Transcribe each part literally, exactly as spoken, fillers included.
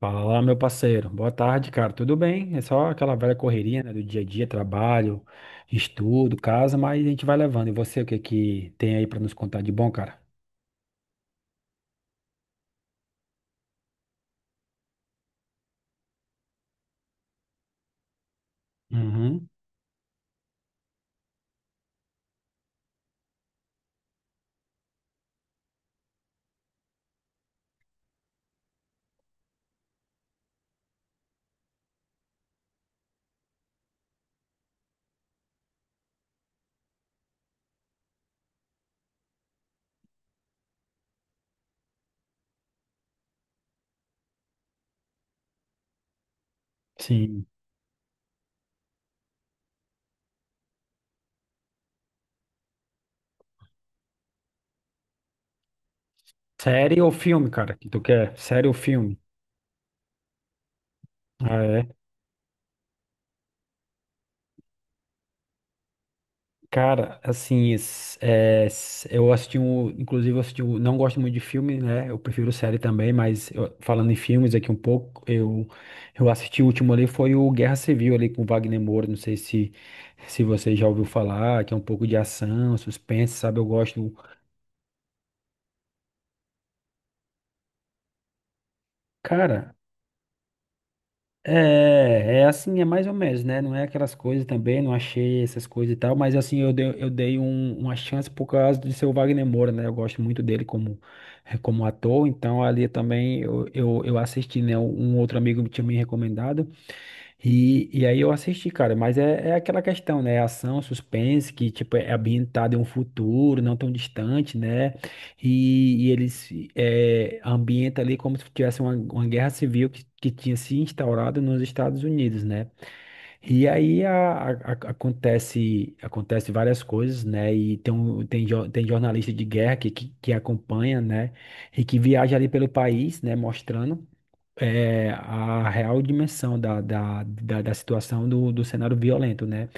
Fala, meu parceiro. Boa tarde, cara. Tudo bem? É só aquela velha correria, né, do dia a dia, trabalho, estudo, casa, mas a gente vai levando. E você, o que que tem aí pra nos contar de bom, cara? Uhum, sim. Série ou filme, cara? Que tu quer? Série ou filme? Ah é. Cara, assim, s- é, s- eu assisti um, inclusive eu assisti um, não gosto muito de filme, né? Eu prefiro série também, mas eu- falando em filmes aqui um pouco, eu eu assisti o último ali foi o Guerra Civil ali com o Wagner Moura, não sei se se você já ouviu falar, que é um pouco de ação, suspense, sabe? Eu gosto. Cara, é, é assim, é mais ou menos, né? Não é aquelas coisas também, não achei essas coisas e tal, mas assim, eu dei, eu dei um- uma chance por causa de seu Wagner Moura, né? Eu gosto muito dele como, como ator, então ali também eu, eu, eu assisti, né? Um outro amigo tinha me recomendado, e, e aí eu assisti, cara, mas é, é aquela questão, né? É ação, suspense, que tipo, é ambientado em um futuro não tão distante, né? E, e eles é, ambienta ali como se tivesse uma, uma guerra civil que, que tinha se instaurado nos Estados Unidos, né? E aí a, a- a- acontece, acontece várias coisas, né? E tem, um, tem, jo- tem jornalista de guerra que, que, que acompanha, né? E que viaja ali pelo país, né? Mostrando é, a real dimensão da, da, da, da situação do, do cenário violento, né?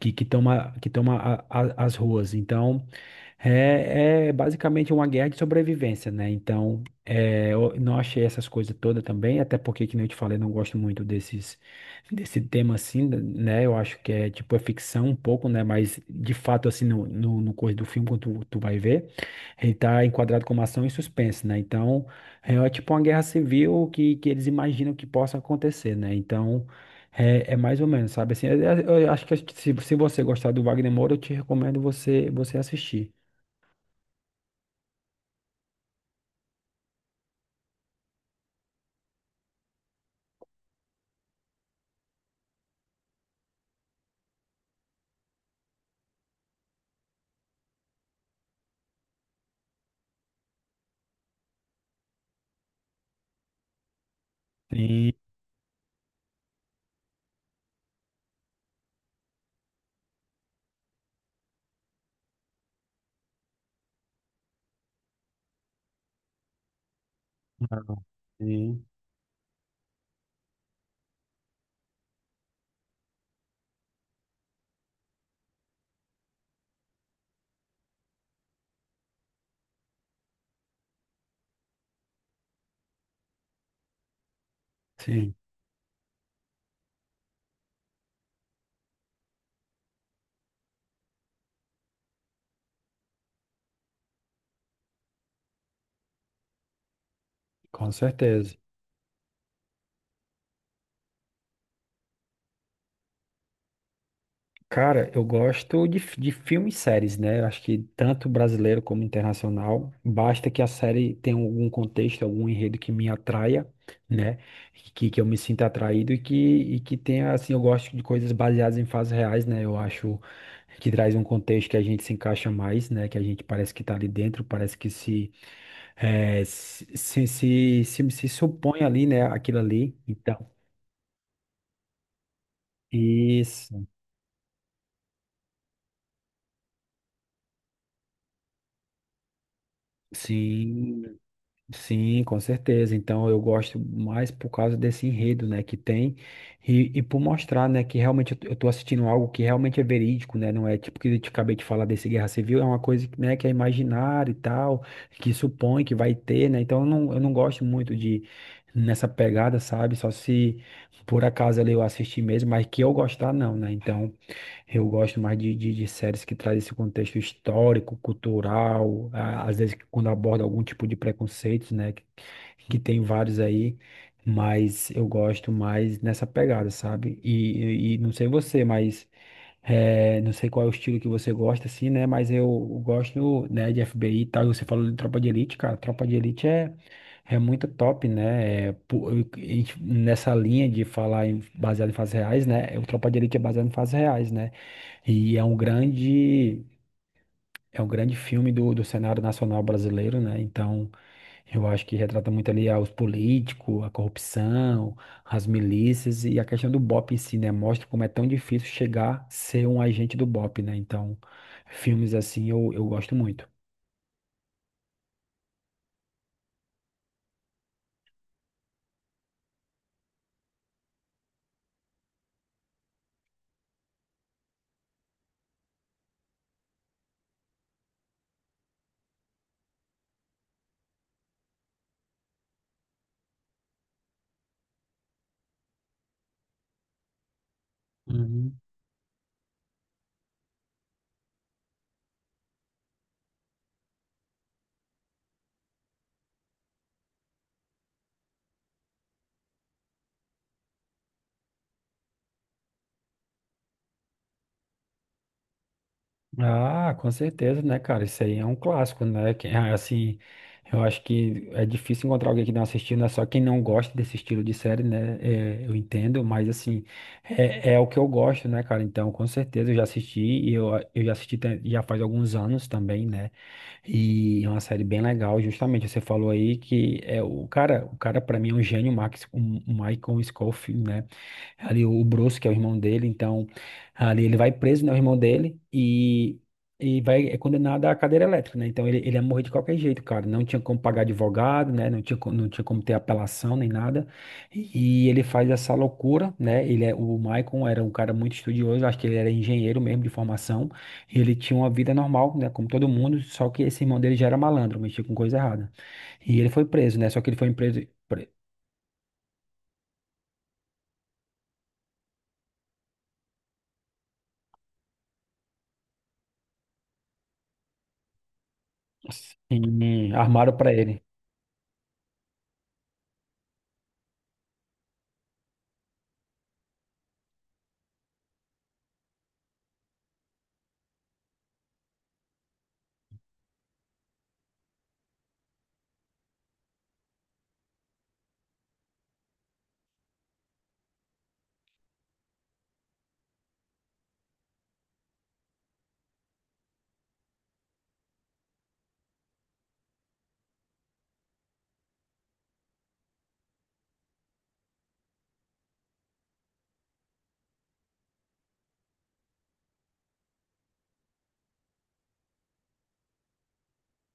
Que, que toma, que toma a- a- as ruas. Então, é, é basicamente uma guerra de sobrevivência, né? Então, é, eu não achei essas coisas todas também, até porque, que nem eu te falei, não gosto muito desses, desse tema assim, né? Eu acho que é tipo, é ficção um pouco, né? Mas, de fato, assim, no, no, no curso do filme, quando tu, tu vai ver, ele tá enquadrado como ação e suspense, né? Então, é, é tipo uma guerra civil que, que eles imaginam que possa acontecer, né? Então, é, é mais ou menos, sabe? Assim, eu, eu acho que se, se você gostar do Wagner Moura, eu te recomendo você, você assistir. Sim, não, sim, sim, com certeza. Cara, eu gosto de, fi- de filmes e séries, né? Eu acho que tanto brasileiro como internacional, basta que a série tenha algum contexto, algum enredo que me atraia, né? Que, que eu me sinta atraído e que, e que tenha, assim, eu gosto de coisas baseadas em fatos reais, né? Eu acho que traz um contexto que a gente se encaixa mais, né? Que a gente parece que tá ali dentro, parece que se, eh, se, se, se, se, se supõe ali, né? Aquilo ali. Então. Isso, sim, sim, com certeza. Então eu gosto mais por causa desse enredo, né, que tem e, e por mostrar, né, que realmente eu t- eu tô assistindo algo que realmente é verídico, né, não é tipo que eu te acabei de falar desse Guerra Civil, é uma coisa, que, né, que é imaginária e tal, que supõe que vai ter, né, então eu não, eu não gosto muito de nessa pegada, sabe, só se por acaso ali eu assistir mesmo, mas que eu gostar não, né, então eu gosto mais de, de, de séries que trazem esse contexto histórico, cultural, a- às vezes quando aborda algum tipo de preconceito, né? Que, que tem vários aí, mas eu gosto mais nessa pegada, sabe? E, e, e não sei você, mas é, não sei qual é o estilo que você gosta, assim, né? Mas eu gosto, né, de F B I e tal. E você falou de Tropa de Elite, cara. Tropa de Elite é é muito top, né? É, pô, eu- a gente- nessa linha de falar em baseado em fatos reais, né? É, o Tropa de Elite é baseado em fatos reais, né? E é um grande, é um grande filme do, do cenário nacional brasileiro, né? Então, eu acho que retrata muito ali ah, os políticos, a corrupção, as milícias e a questão do B O P em si, né? Mostra como é tão difícil chegar a ser um agente do B O P, né? Então, filmes assim eu, eu gosto muito. Ah, com certeza, né, cara? Isso aí é um clássico, né? Que- ah, Assim, eu acho que é difícil encontrar alguém que não assistiu, né? Só quem não gosta desse estilo de série, né? É, eu entendo, mas assim, é, é o que eu gosto, né, cara? Então, com certeza eu já assisti e eu, eu já assisti tem- já faz alguns anos também, né? E é uma série bem legal, justamente. Você falou aí que é o cara, o cara para mim é um gênio, o Max, o Michael Scofield, né? Ali o o Bruce, que é o irmão dele, então ali ele vai preso, né, o irmão dele, e, e vai, é condenado à cadeira elétrica, né, então ele, ele ia morrer de qualquer jeito, cara, não tinha como pagar advogado, né, não tinha, co- não tinha como ter apelação nem nada, e, e ele faz essa loucura, né, ele é, o Michael era um cara muito estudioso, acho que ele era engenheiro mesmo de formação, e ele tinha uma vida normal, né, como todo mundo, só que esse irmão dele já era malandro, mexia com coisa errada, e ele foi preso, né, só que ele foi preso, pre- sim, armaram pra ele,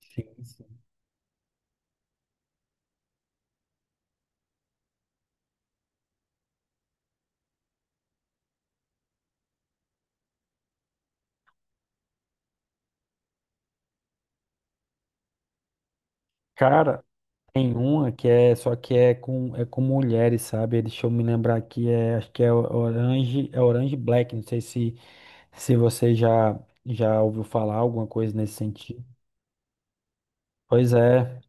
sim. Cara, tem uma que é, só que é com, é com mulheres, sabe? Deixa eu me lembrar aqui, é, acho que é o- Orange, é Orange Black, não sei se, se você já, já ouviu falar alguma coisa nesse sentido. Pois é,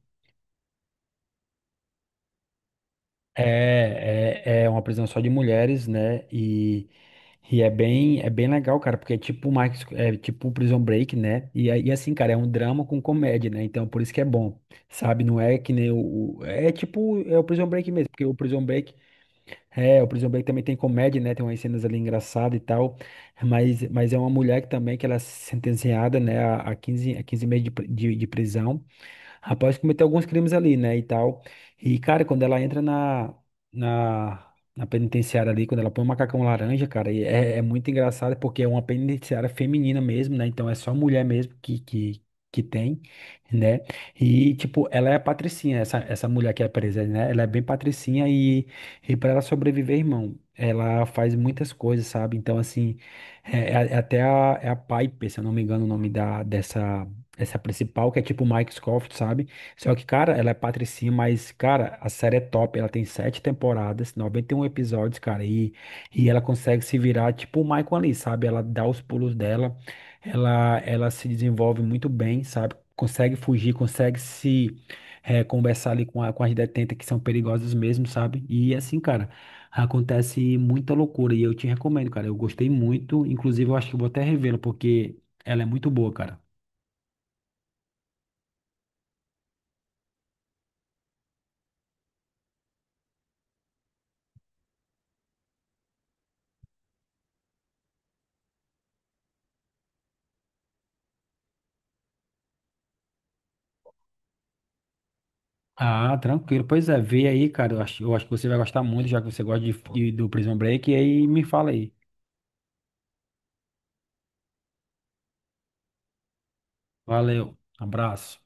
é, é, é uma prisão só de mulheres, né? E, e é bem, é bem legal, cara, porque é tipo Max, é tipo um Prison Break, né? E, aí, assim, cara, é um drama com comédia, né? Então por isso que é bom, sabe? Não é que nem o, o- é tipo, é o Prison Break mesmo, porque o Prison Break é, o Prison Break também tem comédia, né? Tem umas cenas ali engraçadas e tal. Mas, mas é uma mulher que também que ela é sentenciada, né, a, a quinze, a quinze meses de, pri- de, de prisão, rapaz cometeu alguns crimes ali, né, e tal. E, cara, quando ela entra na, na, na penitenciária ali, quando ela põe o macacão laranja, cara, e é, é muito engraçado porque é uma penitenciária feminina mesmo, né, então é só mulher mesmo que, que, que tem, né, e, tipo, ela é a patricinha, essa, essa mulher que é presa, né, ela é bem patricinha e, e para ela sobreviver, irmão, ela faz muitas coisas, sabe, então, assim, é, é é até a, é a Piper, se eu não me engano o nome da, dessa essa é a principal, que é tipo Mike Scofield, sabe? Só que, cara, ela é patricinha, mas, cara, a série é top. Ela tem sete temporadas, noventa e um episódios, cara. E, e ela consegue se virar tipo o Michael ali, sabe? Ela dá os pulos dela, ela, ela se desenvolve muito bem, sabe? Consegue fugir, consegue se eh, conversar ali com, a, com as detentas que são perigosas mesmo, sabe? E assim, cara, acontece muita loucura. E eu te recomendo, cara. Eu gostei muito. Inclusive, eu acho que eu vou até revê-la, porque ela é muito boa, cara. Ah, tranquilo. Pois é, vê aí, cara. Eu acho, eu acho que você vai gostar muito, já que você gosta de, de- do Prison Break. E aí me fala aí. Valeu. Abraço.